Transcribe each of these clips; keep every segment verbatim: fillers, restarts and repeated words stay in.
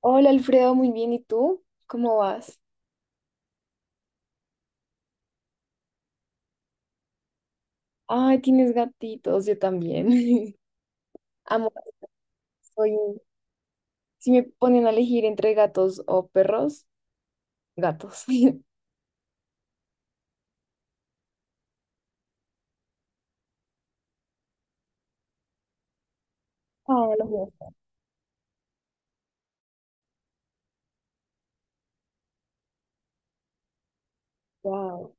Hola Alfredo, muy bien. ¿Y tú? ¿Cómo vas? Ay, tienes gatitos, yo también. Amo, soy... Si me ponen a elegir entre gatos o perros, gatos. Ah, los dos. Wow.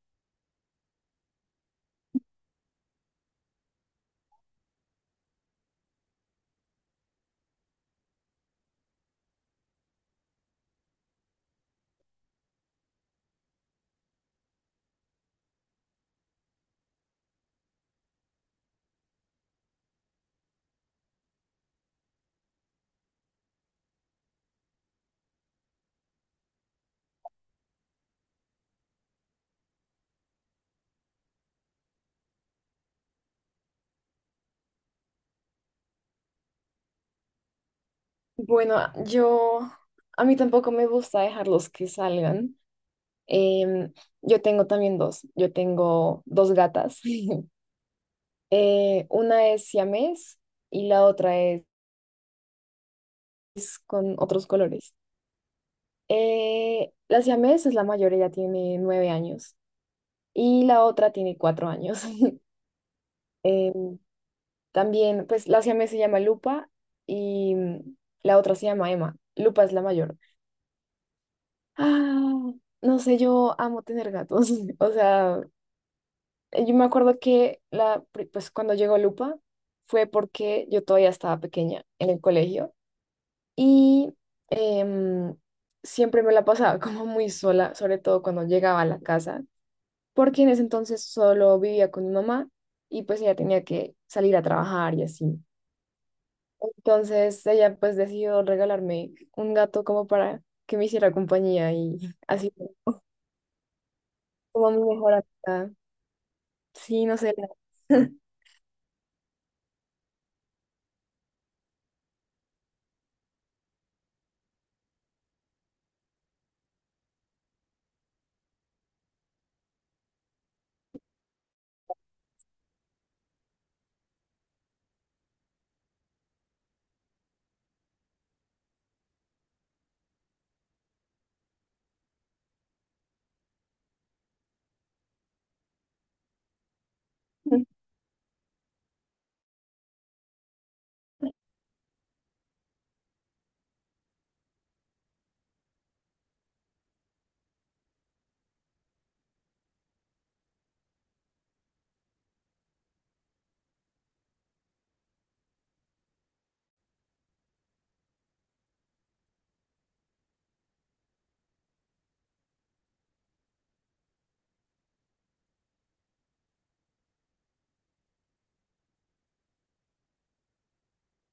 Bueno, yo... A mí tampoco me gusta dejarlos que salgan. Em, yo tengo también dos. Yo tengo dos gatas. Eh, una es siamés y la otra es con otros colores. Eh, la siamesa es la mayor, ella tiene nueve años y la otra tiene cuatro años. Eh, también, pues la siamesa se llama Lupa y mm, la otra se llama Emma. Lupa es la mayor. Ah, no sé, yo amo tener gatos. O sea, eh, yo me acuerdo que la, pri- pues cuando llegó Lupa fue porque yo todavía estaba pequeña en el colegio y em, siempre me la pasaba como muy sola, sobre todo cuando llegaba a la casa porque en ese entonces solo vivía con mi mamá y pues ella tenía que salir a trabajar y así. Entonces ella pues decidió regalarme un gato como para que me hiciera compañía y así fue como mi mejor amiga. Sí, no sé.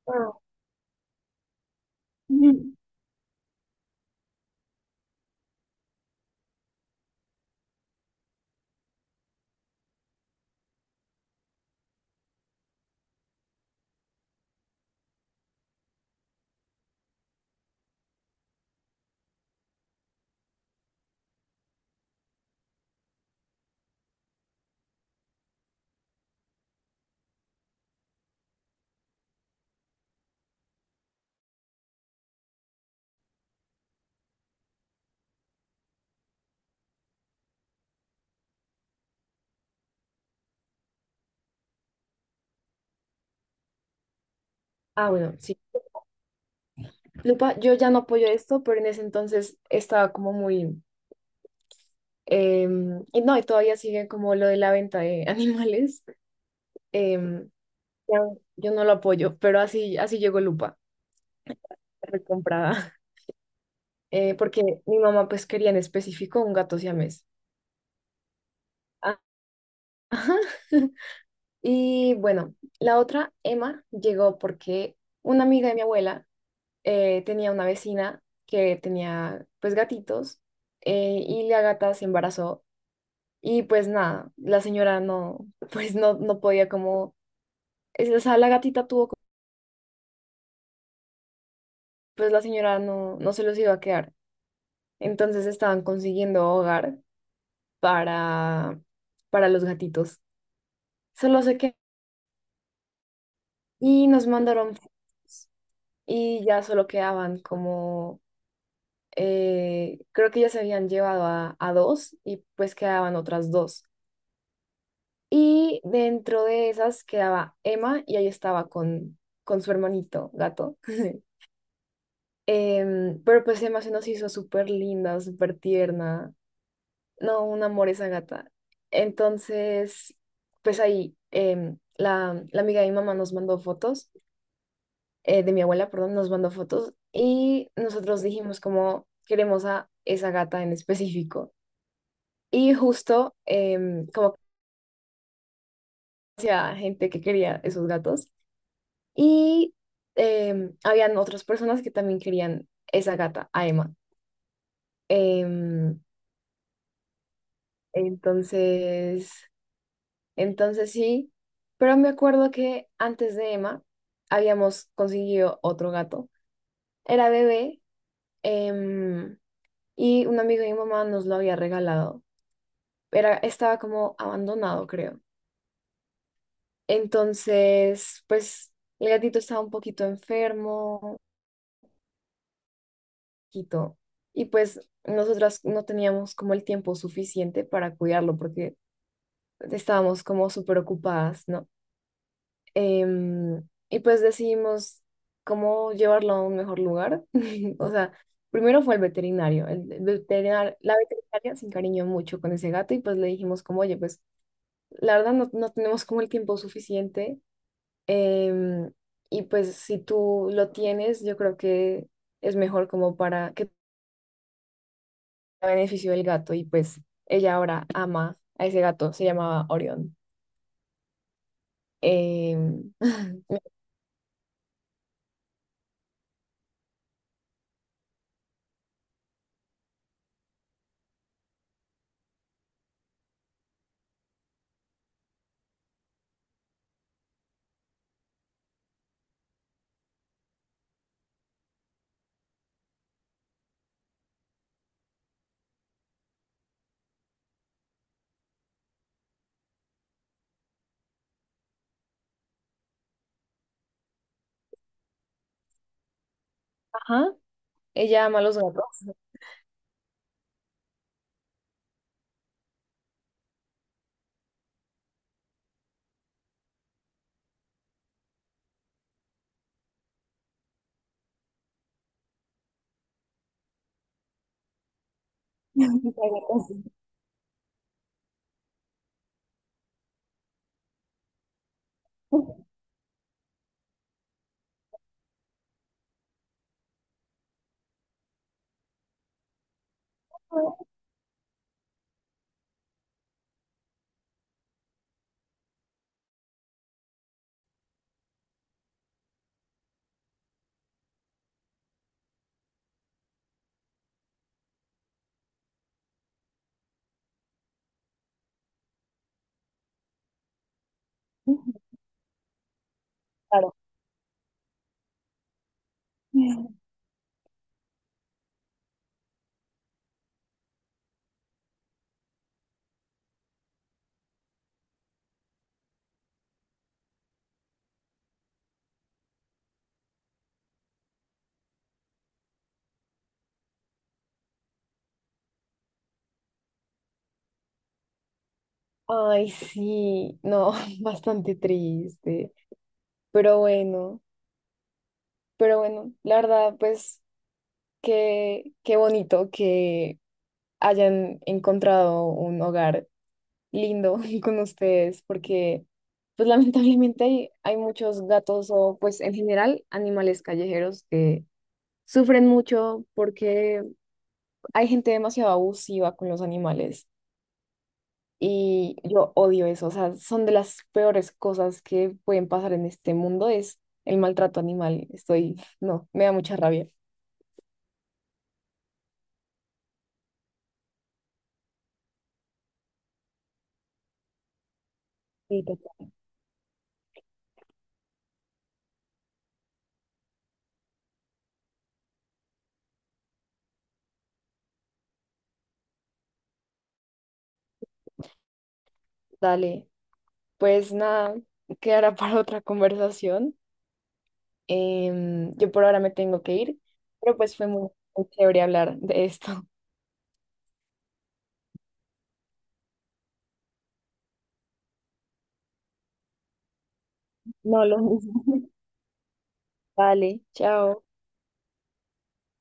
Ah, ujú. Ah, bueno, sí. Lupa, yo ya no apoyo esto, pero en ese entonces estaba como muy... em, y no, y todavía sigue como lo de la venta de animales. em, ya, yo no lo apoyo, pero así, así llegó Lupa. Recomprada, eh, porque mi mamá pues quería en específico un gato siamés. Ah, ajá. Y bueno, la otra, Emma, llegó porque una amiga de mi abuela eh, tenía una vecina que tenía pues gatitos eh, y la gata se embarazó y pues nada, la señora no, pues no, no podía como, es- o sea, la gatita tuvo, co- pues la señora no, no se los iba a quedar. Entonces estaban consiguiendo hogar para, para los gatitos. Solo sé que... Y nos mandaron fotos y ya solo quedaban como... eh, creo que ya se habían llevado a, a dos y pues quedaban otras dos. Y dentro de esas quedaba Emma y ahí estaba con, con su hermanito gato. Em, pero pues Emma se nos hizo súper linda, súper tierna. No, un amor esa gata. Entonces, pues ahí em, la, la amiga de mi mamá nos mandó fotos eh, de mi abuela, perdón, nos mandó fotos y nosotros dijimos como queremos a esa gata en específico. Y justo em, como hacía gente que quería esos gatos y em, habían otras personas que también querían esa gata, a Emma. Em, entonces, entonces sí, pero me acuerdo que antes de Emma habíamos conseguido otro gato. Era bebé em, y un amigo de mi mamá nos lo había regalado. Era, estaba como abandonado, creo. Entonces, pues el gatito estaba un poquito enfermo, poquito, y pues nosotras no teníamos como el tiempo suficiente para cuidarlo porque estábamos como súper ocupadas, ¿no? Em, y pues decidimos cómo llevarlo a un mejor lugar. O sea, primero fue el veterinario, el veterinario, la veterinaria se encariñó mucho con ese gato y pues le dijimos como, oye, pues la verdad no, no tenemos como el tiempo suficiente. Em, y pues si tú lo tienes, yo creo que es mejor como para que tenga beneficio del gato y pues ella ahora ama a ese gato, se llamaba Orión. Em, ajá, ella ama a los gatos. Hay gatos. Claro. Ay, sí, no, bastante triste, pero bueno, pero bueno, la verdad, pues qué, qué bonito que hayan encontrado un hogar lindo con ustedes, porque pues lamentablemente hay, hay muchos gatos o pues en general animales callejeros que sufren mucho porque hay gente demasiado abusiva con los animales y yo odio eso, o sea, son de las peores cosas que pueden pasar en este mundo, es el maltrato animal. Estoy, no, me da mucha rabia. Sí, total. Dale, pues nada, quedará para otra conversación. Em, yo por ahora me tengo que ir, pero pues fue muy muy chévere hablar de esto. No, lo mismo. Vale, chao.